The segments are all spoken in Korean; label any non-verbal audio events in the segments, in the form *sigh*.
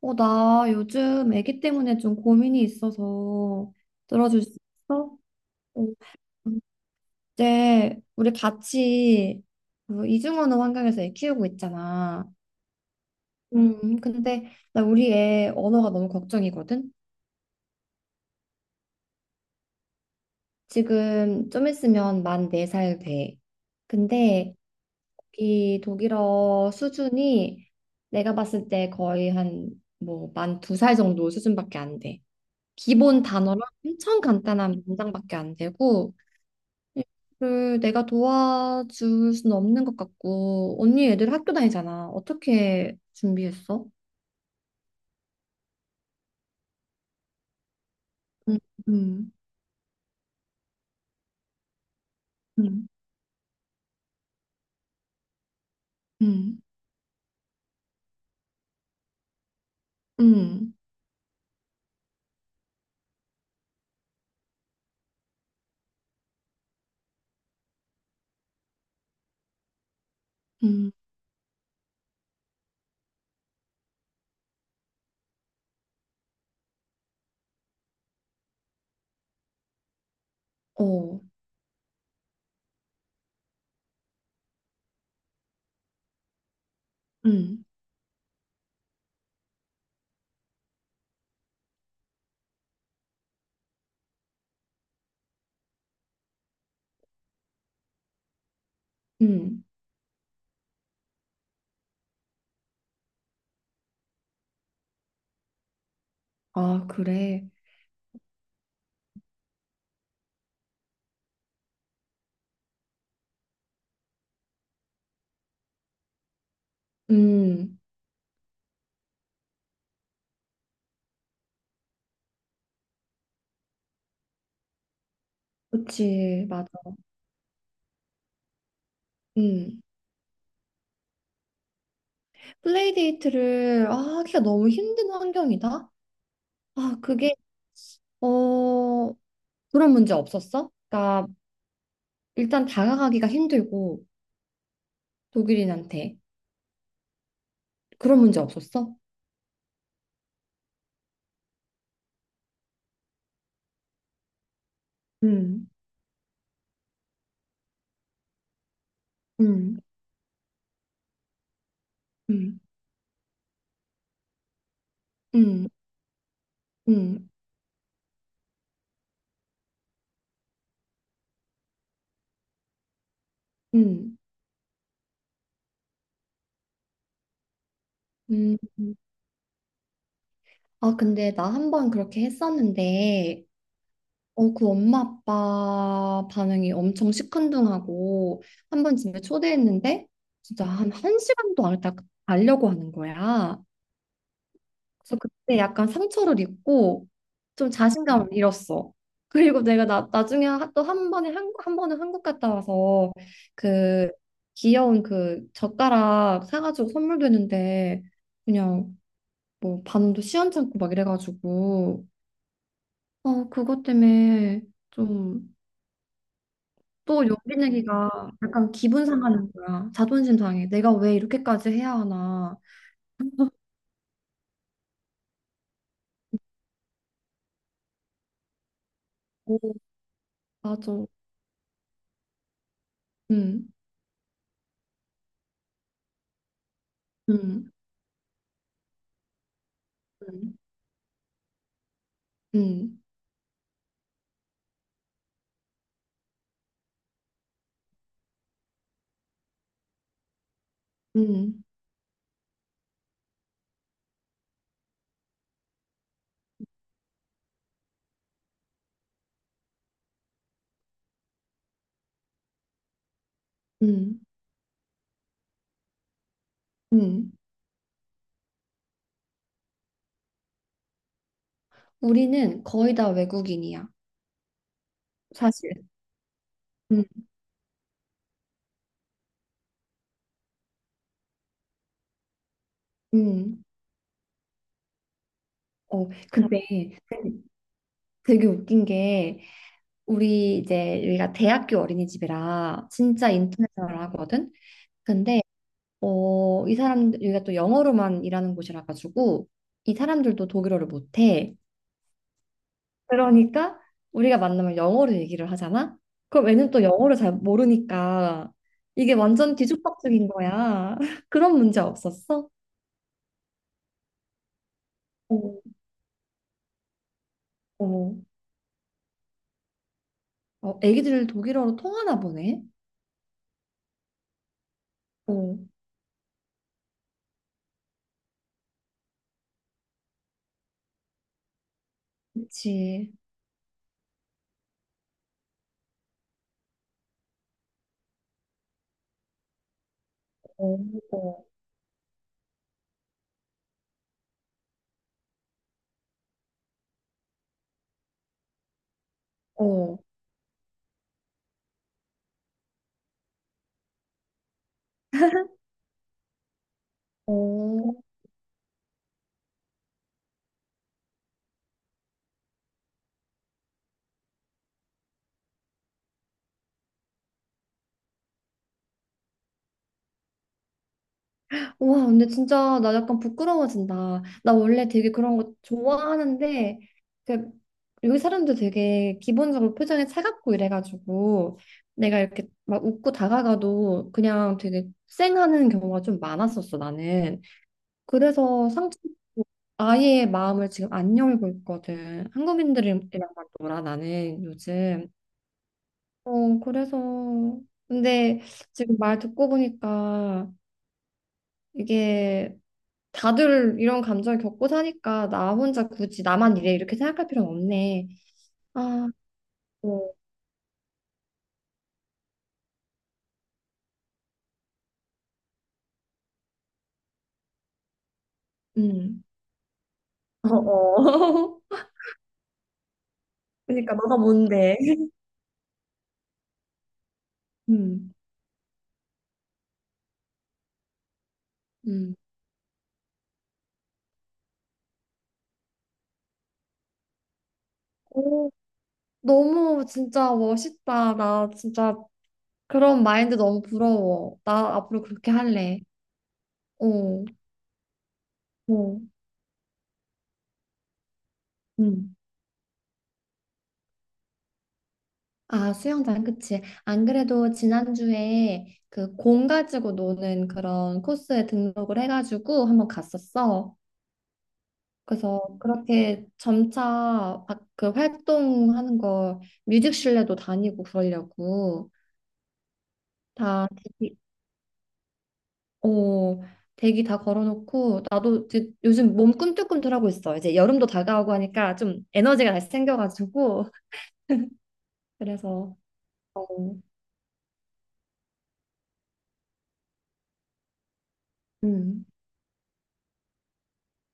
나 요즘 아기 때문에 좀 고민이 있어서 들어줄 수 있어? 어, 이제 우리 같이 그 이중언어 환경에서 애 키우고 있잖아. 근데 나 우리 애 언어가 너무 걱정이거든? 지금 좀 있으면 만 네 살 돼. 근데 이 독일어 수준이 내가 봤을 때 거의 한 뭐 만 두 살 정도 수준밖에 안 돼. 기본 단어랑 엄청 간단한 문장밖에 안 되고 얘를 내가 도와줄 수는 없는 것 같고, 언니 애들 학교 다니잖아. 어떻게 준비했어? 응, 응, 응, 응, 응, 응. 어, 응, 응. 아, 그래. 응. 그치, 맞아. 응. 플레이데이트를 하기가 너무 힘든 환경이다. 아, 그게, 어, 그런 문제 없었어? 그러니까 일단 다가가기가 힘들고 독일인한테 그런 문제 없었어? 음. 음, 음, 음, 음, 음, 음. 아, 근데 나 한 번 그렇게 했었는데, 그 엄마 아빠 반응이 엄청 시큰둥하고, 한 번 집에 초대했는데, 진짜 한, 한 시간도 안 있다 가려고 하는 거야. 그래서 그때 약간 상처를 입고 좀 자신감을 잃었어. 그리고 내가 나중에 또 한 번은 한국 갔다 와서 그 귀여운 그 젓가락 사가지고 선물도 했는데 그냥 뭐 반응도 시원찮고 막 이래가지고 그것 때문에 좀 또 용기 내기가 약간 기분 상하는 거야. 자존심 상해. 내가 왜 이렇게까지 해야 하나. 오, 맞아. 응, 응, 응, 응, 응, 응. 음, 우리는 거의 다 외국인이야, 사실. 음, 음. 근데 되게 웃긴 게 우리가 대학교 어린이집이라 진짜 인터내셔널하거든. 근데 이 사람 여기가 또 영어로만 일하는 곳이라 가지고 이 사람들도 독일어를 못해. 그러니까 우리가 만나면 영어로 얘기를 하잖아. 그럼 애는 또 영어를 잘 모르니까 이게 완전 뒤죽박죽인 거야. *laughs* 그런 문제 없었어? 어, 어. 어, 애기들 독일어로 통하나 보네. 어, 그치. 어, 어, 어. 어. 와, 근데 진짜 나 약간 부끄러워진다. 나 원래 되게 그런 거 좋아하는데, 그, 여기 사람들 되게 기본적으로 표정이 차갑고 이래가지고, 내가 이렇게 막 웃고 다가가도 그냥 되게 쌩하는 경우가 좀 많았었어, 나는. 그래서 아예 마음을 지금 안 열고 있거든. 한국인들이랑 놀아, 나는 요즘. 그래서 근데 지금 말 듣고 보니까 이게 다들 이런 감정을 겪고 사니까 나 혼자 굳이 나만 이래 이렇게 생각할 필요는 없네. 아, 어, 음. 어, 어. *laughs* 그러니까 너가 뭔데? *laughs* 음, 음. 오, 너무 진짜 멋있다. 나 진짜 그런 마인드 너무 부러워. 나 앞으로 그렇게 할래. 어, 어, 음. 아, 수영장, 그치. 안 그래도 지난주에 그 공 가지고 노는 그런 코스에 등록을 해가지고 한번 갔었어. 그래서 그렇게 점차 막 그 활동하는 거 뮤직실내도 다니고 그러려고 다 어, 대기 다 걸어놓고 나도 이제 요즘 몸 꿈틀꿈틀하고 있어. 이제 여름도 다가오고 하니까 좀 에너지가 다시 생겨가지고 그래서 어, 음,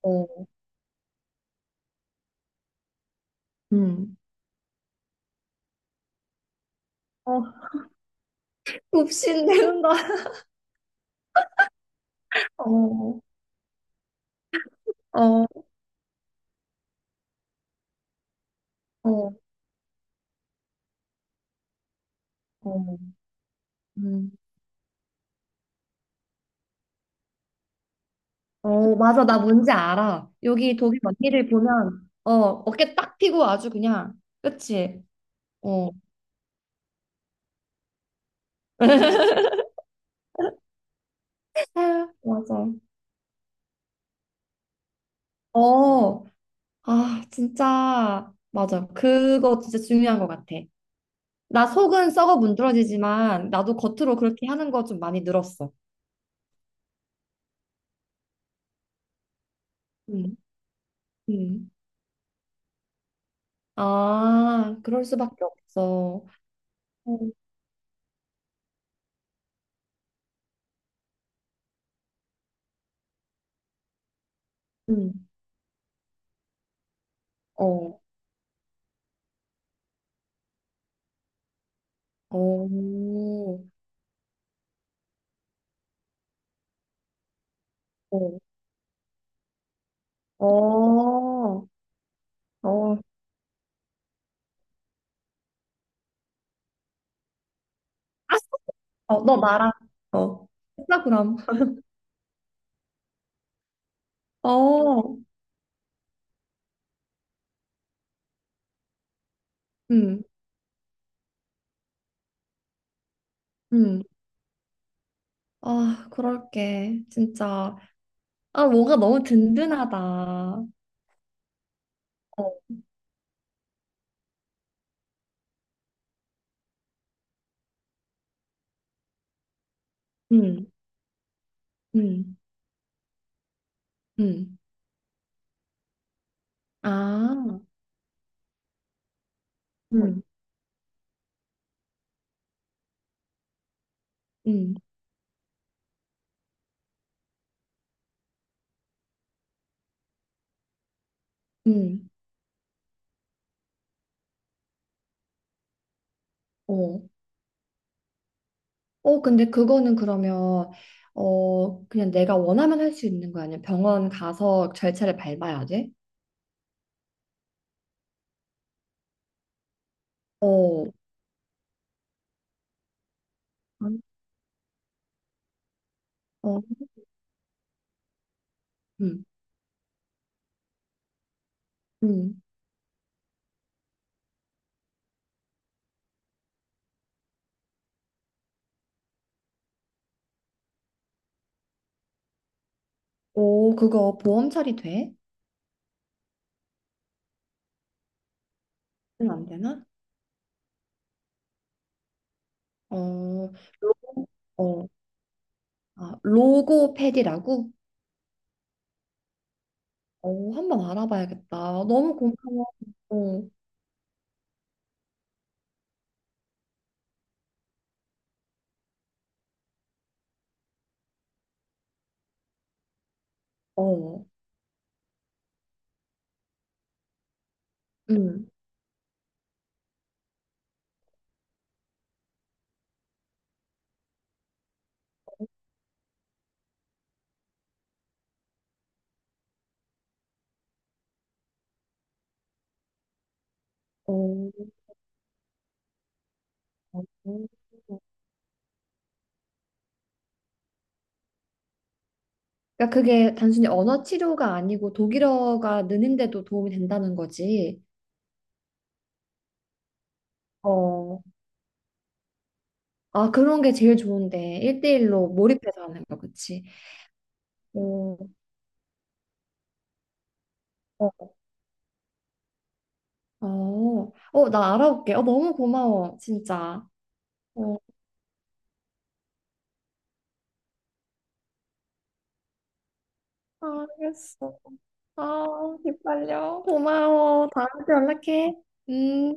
어, 음. 어, 굽신대는 어, 어, 어, 어. 음. 어, 맞아. 나 뭔지 알아. 여기 독일 언니를 보면, 어깨 딱 펴고 아주 그냥, 그치? 어. *laughs* 아유, 맞아. 어, 아, 진짜, 맞아. 그거 진짜 중요한 것 같아. 나 속은 썩어 문드러지지만, 나도 겉으로 그렇게 하는 거 좀 많이 늘었어. 음, 음. 아, 그럴 수밖에 없어. 음, 음. 어, 어, 어. 어, 어, 아, 어, 너 나랑, 어, 했다 그럼. 어, 음, 음. 아, 그럴게. 진짜. 아, 뭐가 너무 든든하다. 어, 음, 음, 음. 아, 음, 음, 음. 어. 어, 근데 그거는 그러면, 그냥 내가 원하면 할 수 있는 거 아니야? 병원 가서 절차를 밟아야 돼? 어, 음. 어, 음, 음. 오, 그거 보험 처리 돼? 는안 되나? 어, 로, 어, 아, 로고패디라고? 어, 한번 알아봐야겠다. 너무 고마워. 어, 어, 음, 어, 어. 그러니까 그게 단순히 언어 치료가 아니고 독일어가 느는데도 도움이 된다는 거지. 어, 아, 그런 게 제일 좋은데. 일대일로 몰입해서 하는 거, 그치? 어, 어, 어, 어, 나 알아볼게. 어, 너무 고마워, 진짜. 어, 알겠어. 아, 기빨려. 고마워. 다음에 또 연락해. 음.